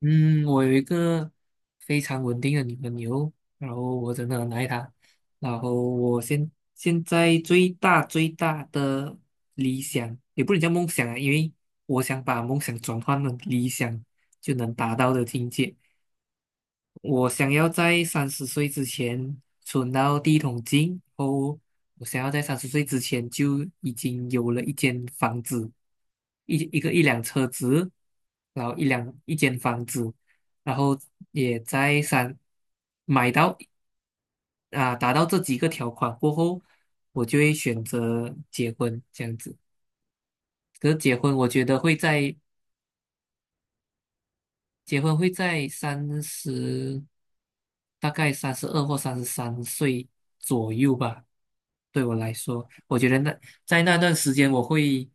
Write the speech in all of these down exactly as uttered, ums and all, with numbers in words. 嗯，我有一个非常稳定的女朋友，然后我真的很爱她。然后我现现在最大最大的理想，也不能叫梦想啊，因为我想把梦想转换成理想就能达到的境界。我想要在三十岁之前存到第一桶金，然后我想要在三十岁之前就已经有了一间房子，一一个一辆车子，然后一辆一间房子，然后也在三买到啊达到这几个条款过后，我就会选择结婚这样子。可是结婚，我觉得会在结婚会在三十。大概三十二或三十三岁左右吧。对我来说，我觉得那在那段时间，我会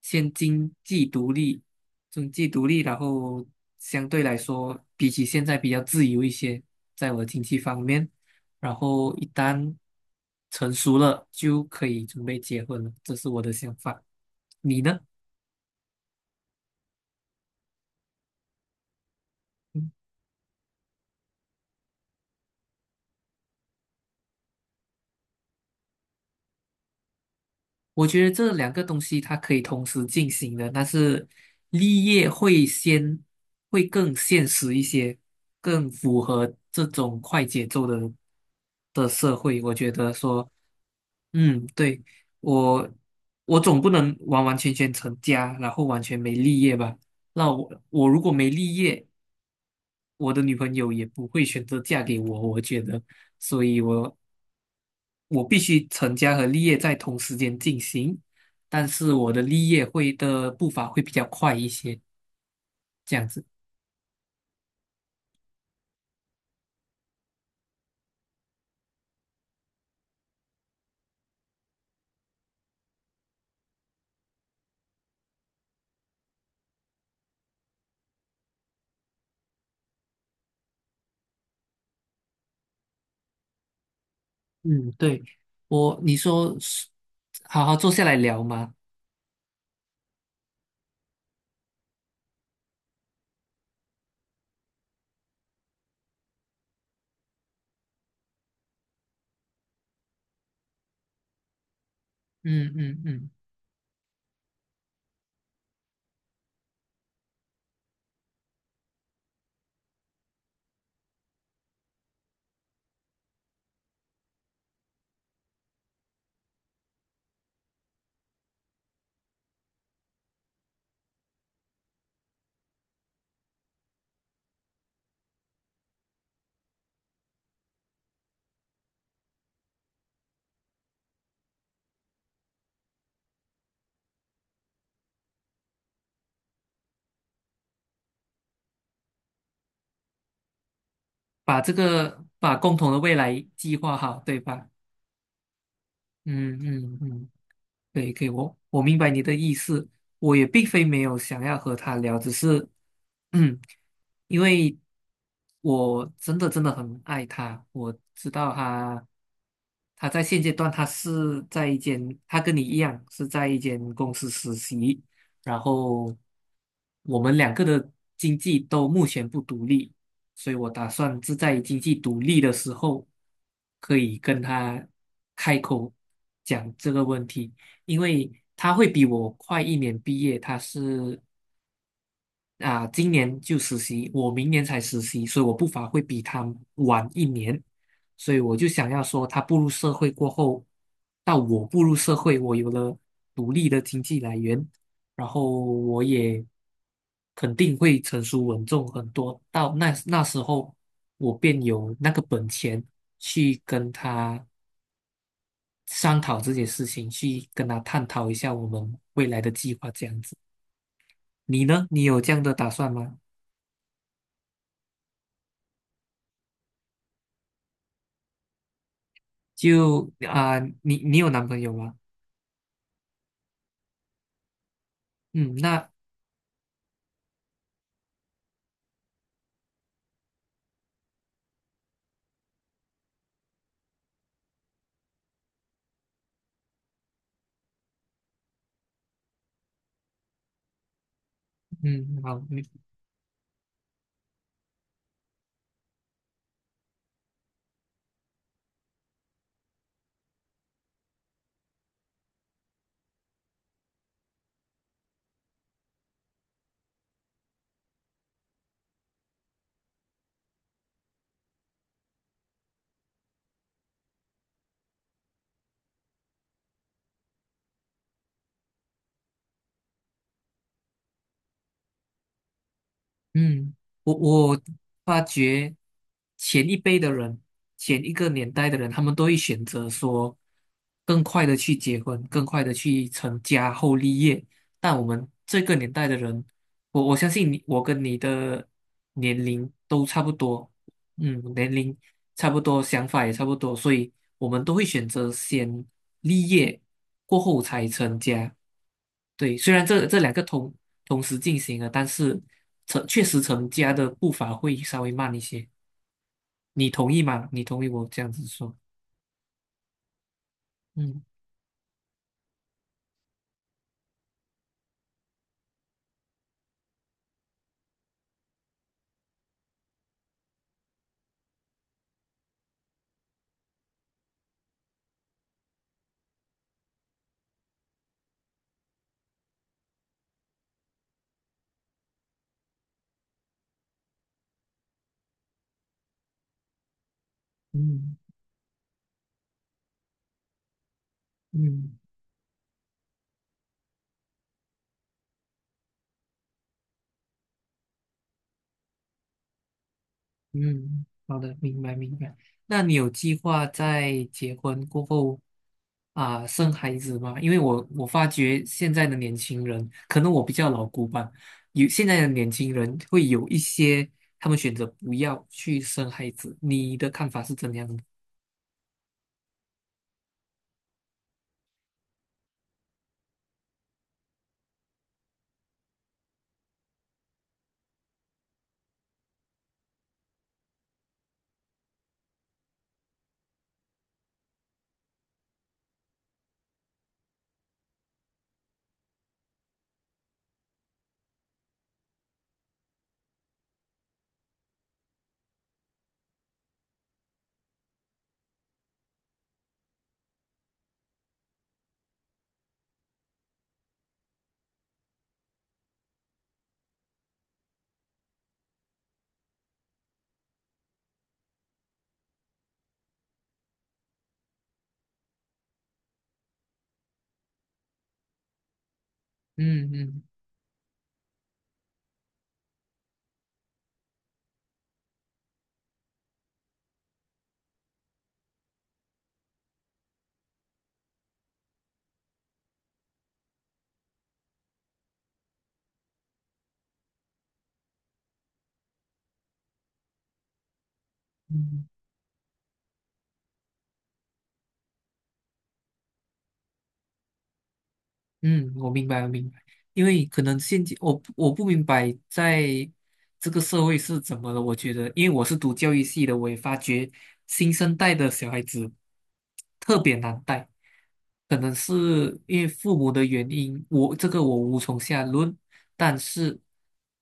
先经济独立，经济独立，然后相对来说，比起现在比较自由一些，在我的经济方面。然后一旦成熟了，就可以准备结婚了，这是我的想法。你呢？我觉得这两个东西它可以同时进行的，但是立业会先会更现实一些，更符合这种快节奏的的社会。我觉得说，嗯，对，我我总不能完完全全成家，然后完全没立业吧？那我我如果没立业，我的女朋友也不会选择嫁给我，我觉得，所以我我必须成家和立业在同时间进行，但是我的立业会的步伐会比较快一些，这样子。嗯，对，我，你说是好好坐下来聊嘛，嗯嗯嗯，把这个把共同的未来计划好，对吧？嗯嗯嗯。对，给我，我明白你的意思，我也并非没有想要和他聊，只是，嗯，因为我真的真的很爱他，我知道他，他在现阶段他是在一间，他跟你一样是在一间公司实习，然后我们两个的经济都目前不独立，所以我打算是在经济独立的时候，可以跟他开口讲这个问题。因为他会比我快一年毕业，他是啊、今年就实习，我明年才实习，所以我步伐会比他晚一年，所以我就想要说，他步入社会过后，到我步入社会，我有了独立的经济来源，然后我也肯定会成熟稳重很多，到那那时候，我便有那个本钱去跟他商讨这些事情，去跟他探讨一下我们未来的计划这样子。你呢？你有这样的打算吗？就啊、你你有男朋友吗？嗯，那嗯好，嗯，我我发觉前一辈的人，前一个年代的人，他们都会选择说更快的去结婚，更快的去成家后立业。但我们这个年代的人，我我相信你，我跟你的年龄都差不多，嗯，年龄差不多，想法也差不多，所以我们都会选择先立业，过后才成家。对，虽然这这两个同同时进行了，但是成确实成家的步伐会稍微慢一些。你同意吗？你同意我这样子说？嗯嗯嗯嗯，好的，明白明白。那你有计划在结婚过后啊、生孩子吗？因为我我发觉现在的年轻人，可能我比较老古板，有现在的年轻人会有一些他们选择不要去生孩子，你的看法是怎样的？嗯嗯嗯嗯，我明白，我明白，因为可能现今我不我不明白在这个社会是怎么了。我觉得，因为我是读教育系的，我也发觉新生代的小孩子特别难带，可能是因为父母的原因，我这个我无从下论。但是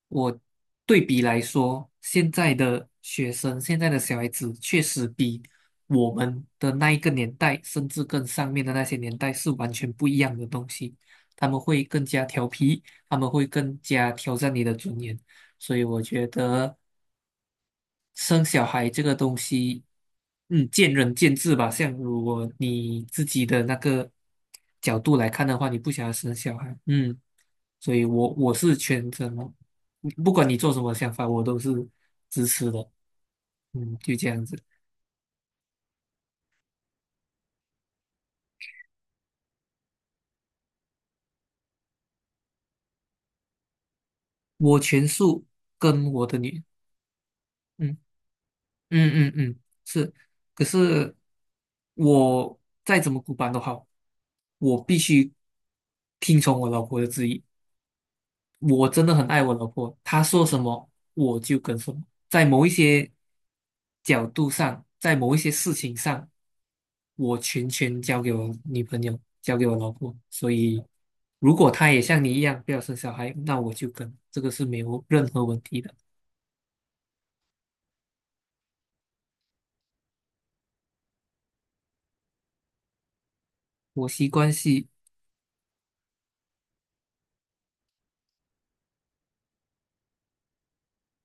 我对比来说，现在的学生，现在的小孩子确实比我们的那一个年代，甚至更上面的那些年代是完全不一样的东西。他们会更加调皮，他们会更加挑战你的尊严。所以我觉得生小孩这个东西，嗯，见仁见智吧。像如果你自己的那个角度来看的话，你不想要生小孩，嗯，所以我我是全责不管你做什么想法，我都是支持的，嗯，就这样子。我全数跟我的女，嗯。嗯嗯嗯，是，可是我再怎么古板都好，我必须听从我老婆的旨意。我真的很爱我老婆，她说什么我就跟什么。在某一些角度上，在某一些事情上，我全权交给我女朋友，交给我老婆。所以，如果她也像你一样不要生小孩，那我就跟，这个是没有任何问题的。婆媳关系。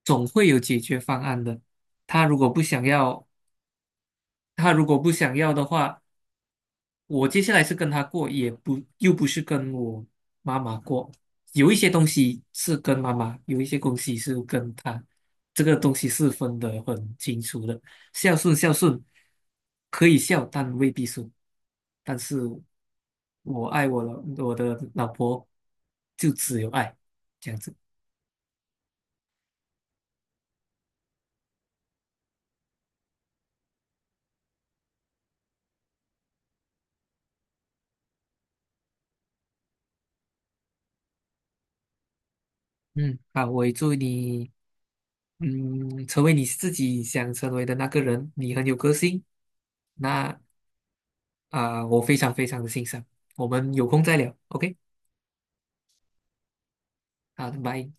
总会有解决方案的。他如果不想要，他如果不想要的话，我接下来是跟他过，也不又不是跟我妈妈过。有一些东西是跟妈妈，有一些东西是跟他，这个东西是分得很清楚的。孝顺，孝顺可以孝，但未必顺。但是我爱我的我的老婆，就只有爱这样子。嗯，好，我也祝你。嗯，成为你自己想成为的那个人，你很有个性。那啊、我非常非常的欣赏。我们有空再聊，O K？好的，拜。